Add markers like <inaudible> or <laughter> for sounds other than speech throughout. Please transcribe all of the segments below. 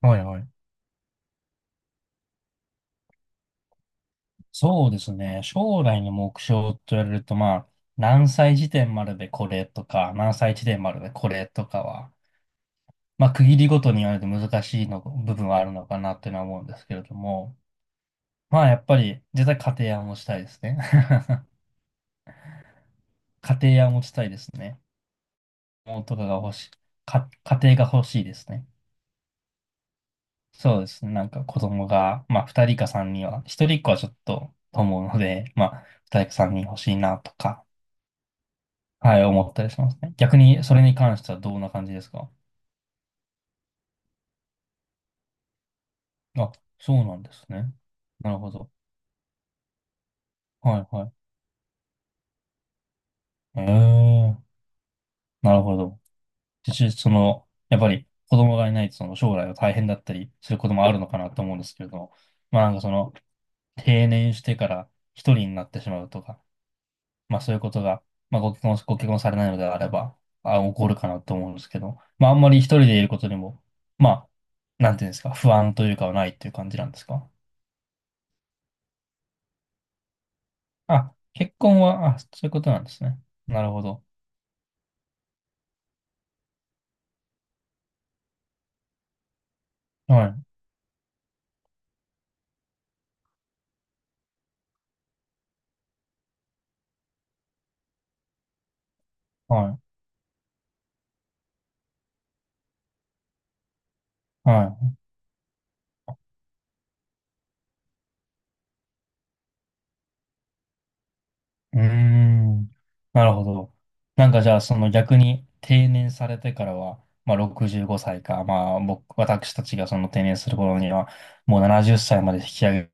はいはい。そうですね。将来の目標と言われると、何歳時点まででこれとか、何歳時点まででこれとかは、区切りごとに言われて難しいの、部分はあるのかなっていうのは思うんですけれども、やっぱり、絶対家庭は持ちたいですね。<laughs> 家庭は持ちたいですね。子供とかが欲しい。家庭が欲しいですね。そうですね。なんか子供が、二人か三人は、一人っ子はちょっと、と思うので、二人か三人欲しいなとか、はい、思ったりしますね。逆に、それに関してはどんな感じですか？あ、そうなんですね。なるほど。はい、はい。ええ、なるほど。実その、やっぱり子供がいないと、その将来は大変だったりすることもあるのかなと思うんですけれども、なんかその、定年してから一人になってしまうとか、そういうことが、まあご結婚されないのであれば、あ、起こるかなと思うんですけど、あんまり一人でいることにも、まなんていうんですか、不安というかはないっていう感じなんですか？あ、結婚は、あ、そういうことなんですね。なるほど。はい、はい、はい。うーん。なるほど。なんかじゃあ、その逆に定年されてからは、まあ65歳か、まあ僕、私たちがその定年する頃には、もう70歳まで引き上げ、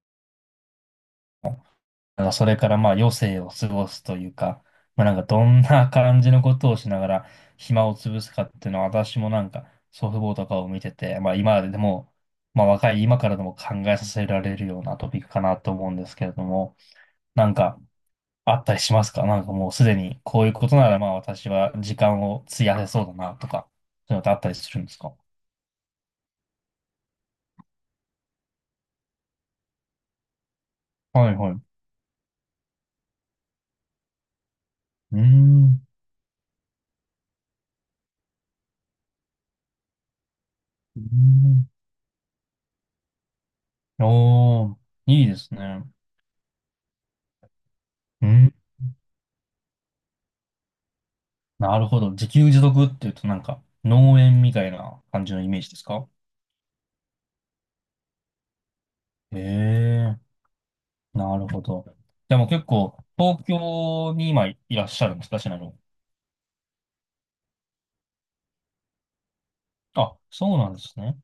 それから余生を過ごすというか、なんかどんな感じのことをしながら暇を潰すかっていうのは私もなんか祖父母とかを見てて、今まででも、若い今からでも考えさせられるようなトピックかなと思うんですけれども、なんかあったりしますか？なんかもうすでにこういうことなら私は時間を費やせそうだなとか、そういうのってあったりするんですか？はいはい。うーん。うーん。おー、いいですね。うーん。なるほど。自給自足っていうとなんか農園みたいな感じのイメージですか？へえ、なるほど。でも結構東京に今いらっしゃるんですか、しなの。あ、そうなんですね。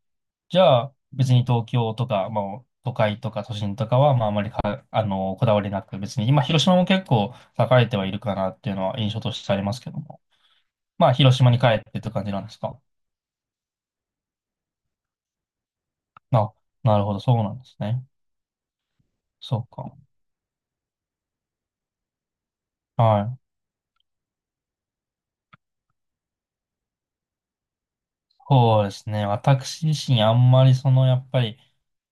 じゃあ別に東京とか、都会とか都心とかは、あまりか、あの、こだわりなく、別に今広島も結構栄えてはいるかなっていうのは印象としてありますけども。まあ広島に帰ってって感じなんですか。あ、なるほど。そうなんですね。そうか。はい。そうですね。私自身あんまりそのやっぱり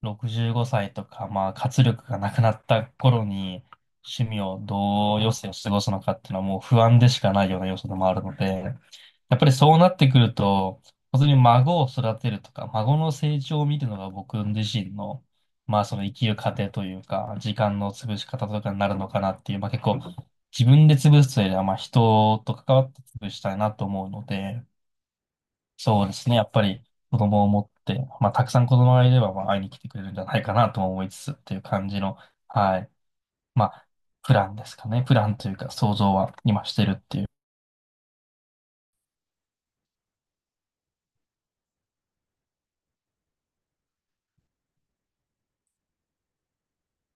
65歳とか、活力がなくなった頃に趣味をどう余生を過ごすのかっていうのはもう不安でしかないような要素でもあるので、やっぱりそうなってくると、本当に孫を育てるとか、孫の成長を見るのが僕自身の、その生きる過程というか、時間の潰し方とかになるのかなっていう、まあ結構自分で潰すというよりは、人と関わって潰したいなと思うので、そうですね。やっぱり子供を持って、たくさん子供がいれば、会いに来てくれるんじゃないかなとも思いつつっていう感じの、はい。まあ、プランですかね。プランというか、想像は今してるっていう。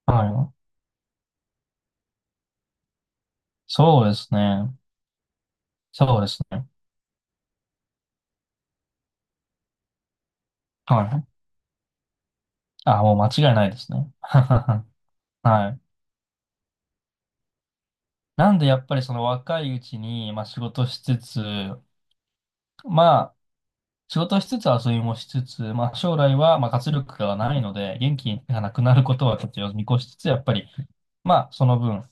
はい。そうですね。そうですね。はい。あ、もう間違いないですね。<laughs> はい。なんで、やっぱりその若いうちに、仕事しつつ、まあ、遊びもしつつ、将来は活力がないので、元気がなくなることはちょっと見越しつつ、やっぱり、その分、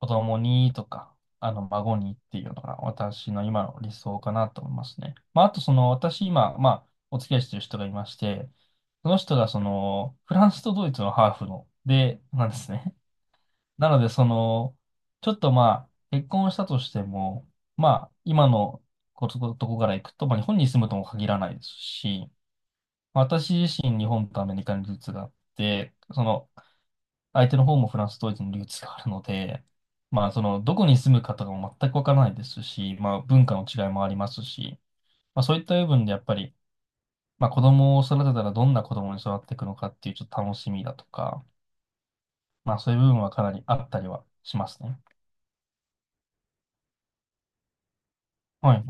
子供にとか、あの、孫にっていうのが私の今の理想かなと思いますね。まあ、あと、その、私今、まあ、お付き合いしてる人がいまして、その人が、その、フランスとドイツのハーフの、で、なんですね。なので、その、ちょっとまあ、結婚したとしても、今のこつことこから行くと、日本に住むとも限らないですし、私自身、日本とアメリカにルーツがあって、その、相手の方もフランス、ドイツにルーツがあるので、その、どこに住むかとかも全くわからないですし、文化の違いもありますし、そういった部分でやっぱり、子供を育てたらどんな子供に育っていくのかっていうちょっと楽しみだとか、そういう部分はかなりあったりはしますね。はい。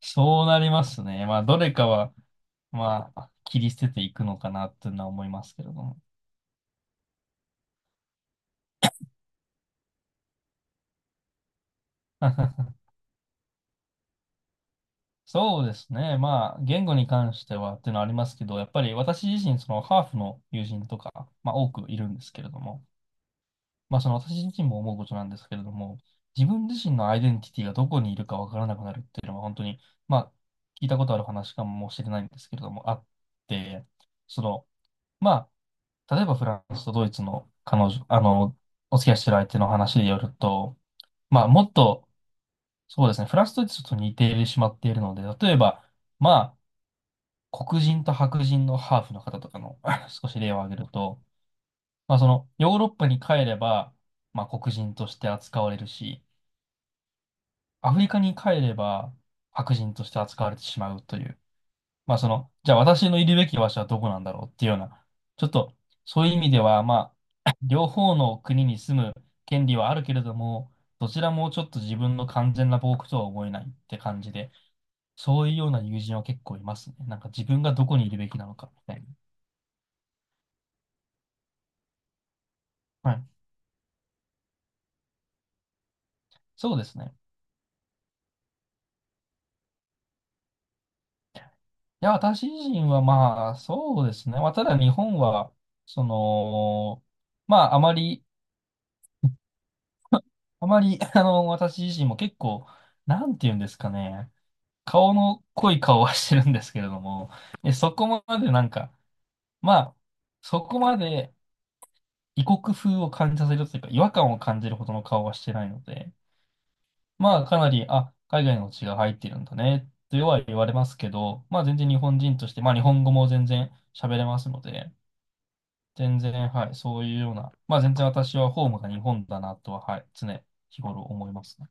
そうなりますね。どれかは、切り捨てていくのかなっていうのは思いますけれども。<laughs> そうですね。言語に関してはっていうのはありますけど、やっぱり私自身、そのハーフの友人とか、多くいるんですけれども、その私自身も思うことなんですけれども、自分自身のアイデンティティがどこにいるかわからなくなるっていうのは、本当に、まあ、聞いたことある話かもしれないんですけれども、あって、その、まあ例えばフランスとドイツの彼女、あの、お付き合いしてる相手の話によると、まあもっと、そうですね、フランスとドイツと似てしまっているので、例えば、ま黒人と白人のハーフの方とかの <laughs> 少し例を挙げると、まあその、ヨーロッパに帰れば、まあ黒人として扱われるし、アフリカに帰れば白人として扱われてしまうという、まあその、じゃあ私のいるべき場所はどこなんだろうっていうような、ちょっとそういう意味では、<laughs> 両方の国に住む権利はあるけれども、どちらもちょっと自分の完全な母国とは思えないって感じで、そういうような友人は結構いますね。なんか自分がどこにいるべきなのかみたいな。はい。そうですね。いや、私自身はまあ、そうですね。ただ日本は、その、まあ、あまり、あまり、<laughs> あの、私自身も結構、なんて言うんですかね。顔の濃い顔はしてるんですけれども、え、そこまでなんか、まあ、そこまで異国風を感じさせるというか、違和感を感じるほどの顔はしてないので、かなり、あ、海外の血が入ってるんだね、とは言われますけど、全然日本人として、日本語も全然喋れますので、全然、はい、そういうような、全然私はホームが日本だなとは、はい、常日頃思いますね。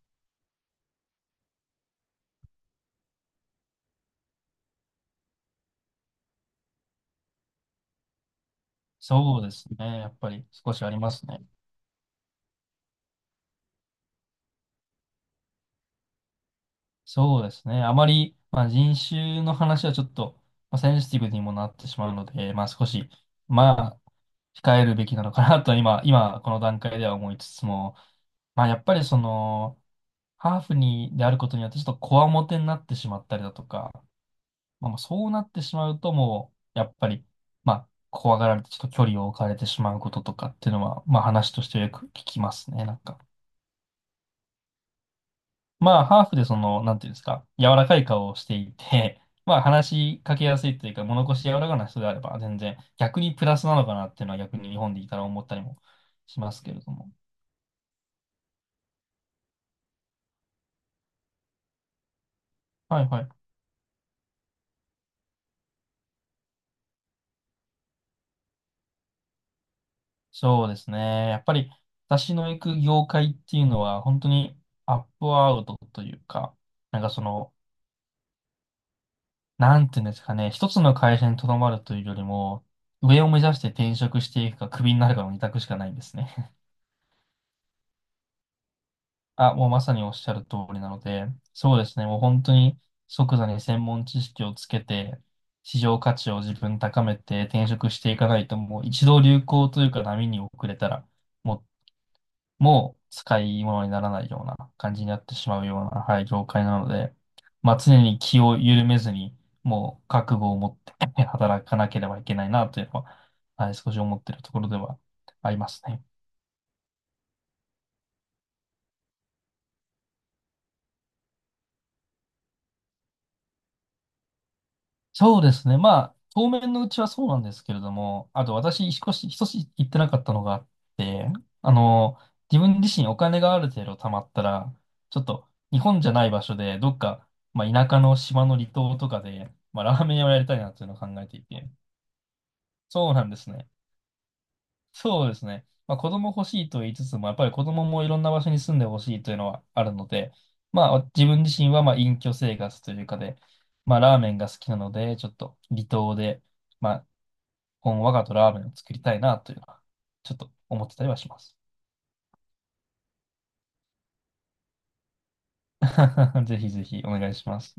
そうですね、やっぱり少しありますね。そうですね。あまり、人種の話はちょっと、センシティブにもなってしまうので、まあ、少し、まあ、控えるべきなのかなと今、この段階では思いつつも、やっぱりその、ハーフに、であることによって、ちょっとこわもてになってしまったりだとか、もうそうなってしまうと、もう、やっぱり、怖がられて、ちょっと距離を置かれてしまうこととかっていうのは、話としてよく聞きますね、なんか。ハーフでその、なんていうんですか、柔らかい顔をしていて、<laughs> 話しかけやすいというか、物腰柔らかな人であれば、全然、逆にプラスなのかなっていうのは、逆に日本でいたら思ったりもしますけれども。はいはい。そうですね。やっぱり、私の行く業界っていうのは、本当にアップアウトというか、なんかその、なんていうんですかね、一つの会社にとどまるというよりも、上を目指して転職していくか、クビになるかの二択しかないんですね。あ、もうまさにおっしゃる通りなので、そうですね、もう本当に即座に専門知識をつけて、市場価値を自分高めて転職していかないと、もう一度流行というか波に遅れたら、もう、もう使い物にならないような感じになってしまうような、はい、業界なので、常に気を緩めずに、もう覚悟を持って <laughs> 働かなければいけないなというのは、はい、少し思っているところではありますね。そうですね。当面のうちはそうなんですけれども、あと私、少し、一つ言ってなかったのがあって、あの、自分自身お金がある程度貯まったら、ちょっと日本じゃない場所で、どっか、田舎の島の離島とかで、ラーメン屋をやりたいなっていうのを考えていて。そうなんですね。そうですね。子供欲しいと言いつつも、やっぱり子供もいろんな場所に住んでほしいというのはあるので、自分自身はまあ隠居生活というかで、ラーメンが好きなので、ちょっと離島で、まあ、本わがとラーメンを作りたいなというのは、ちょっと思ってたりはします。<laughs> ぜひぜひお願いします。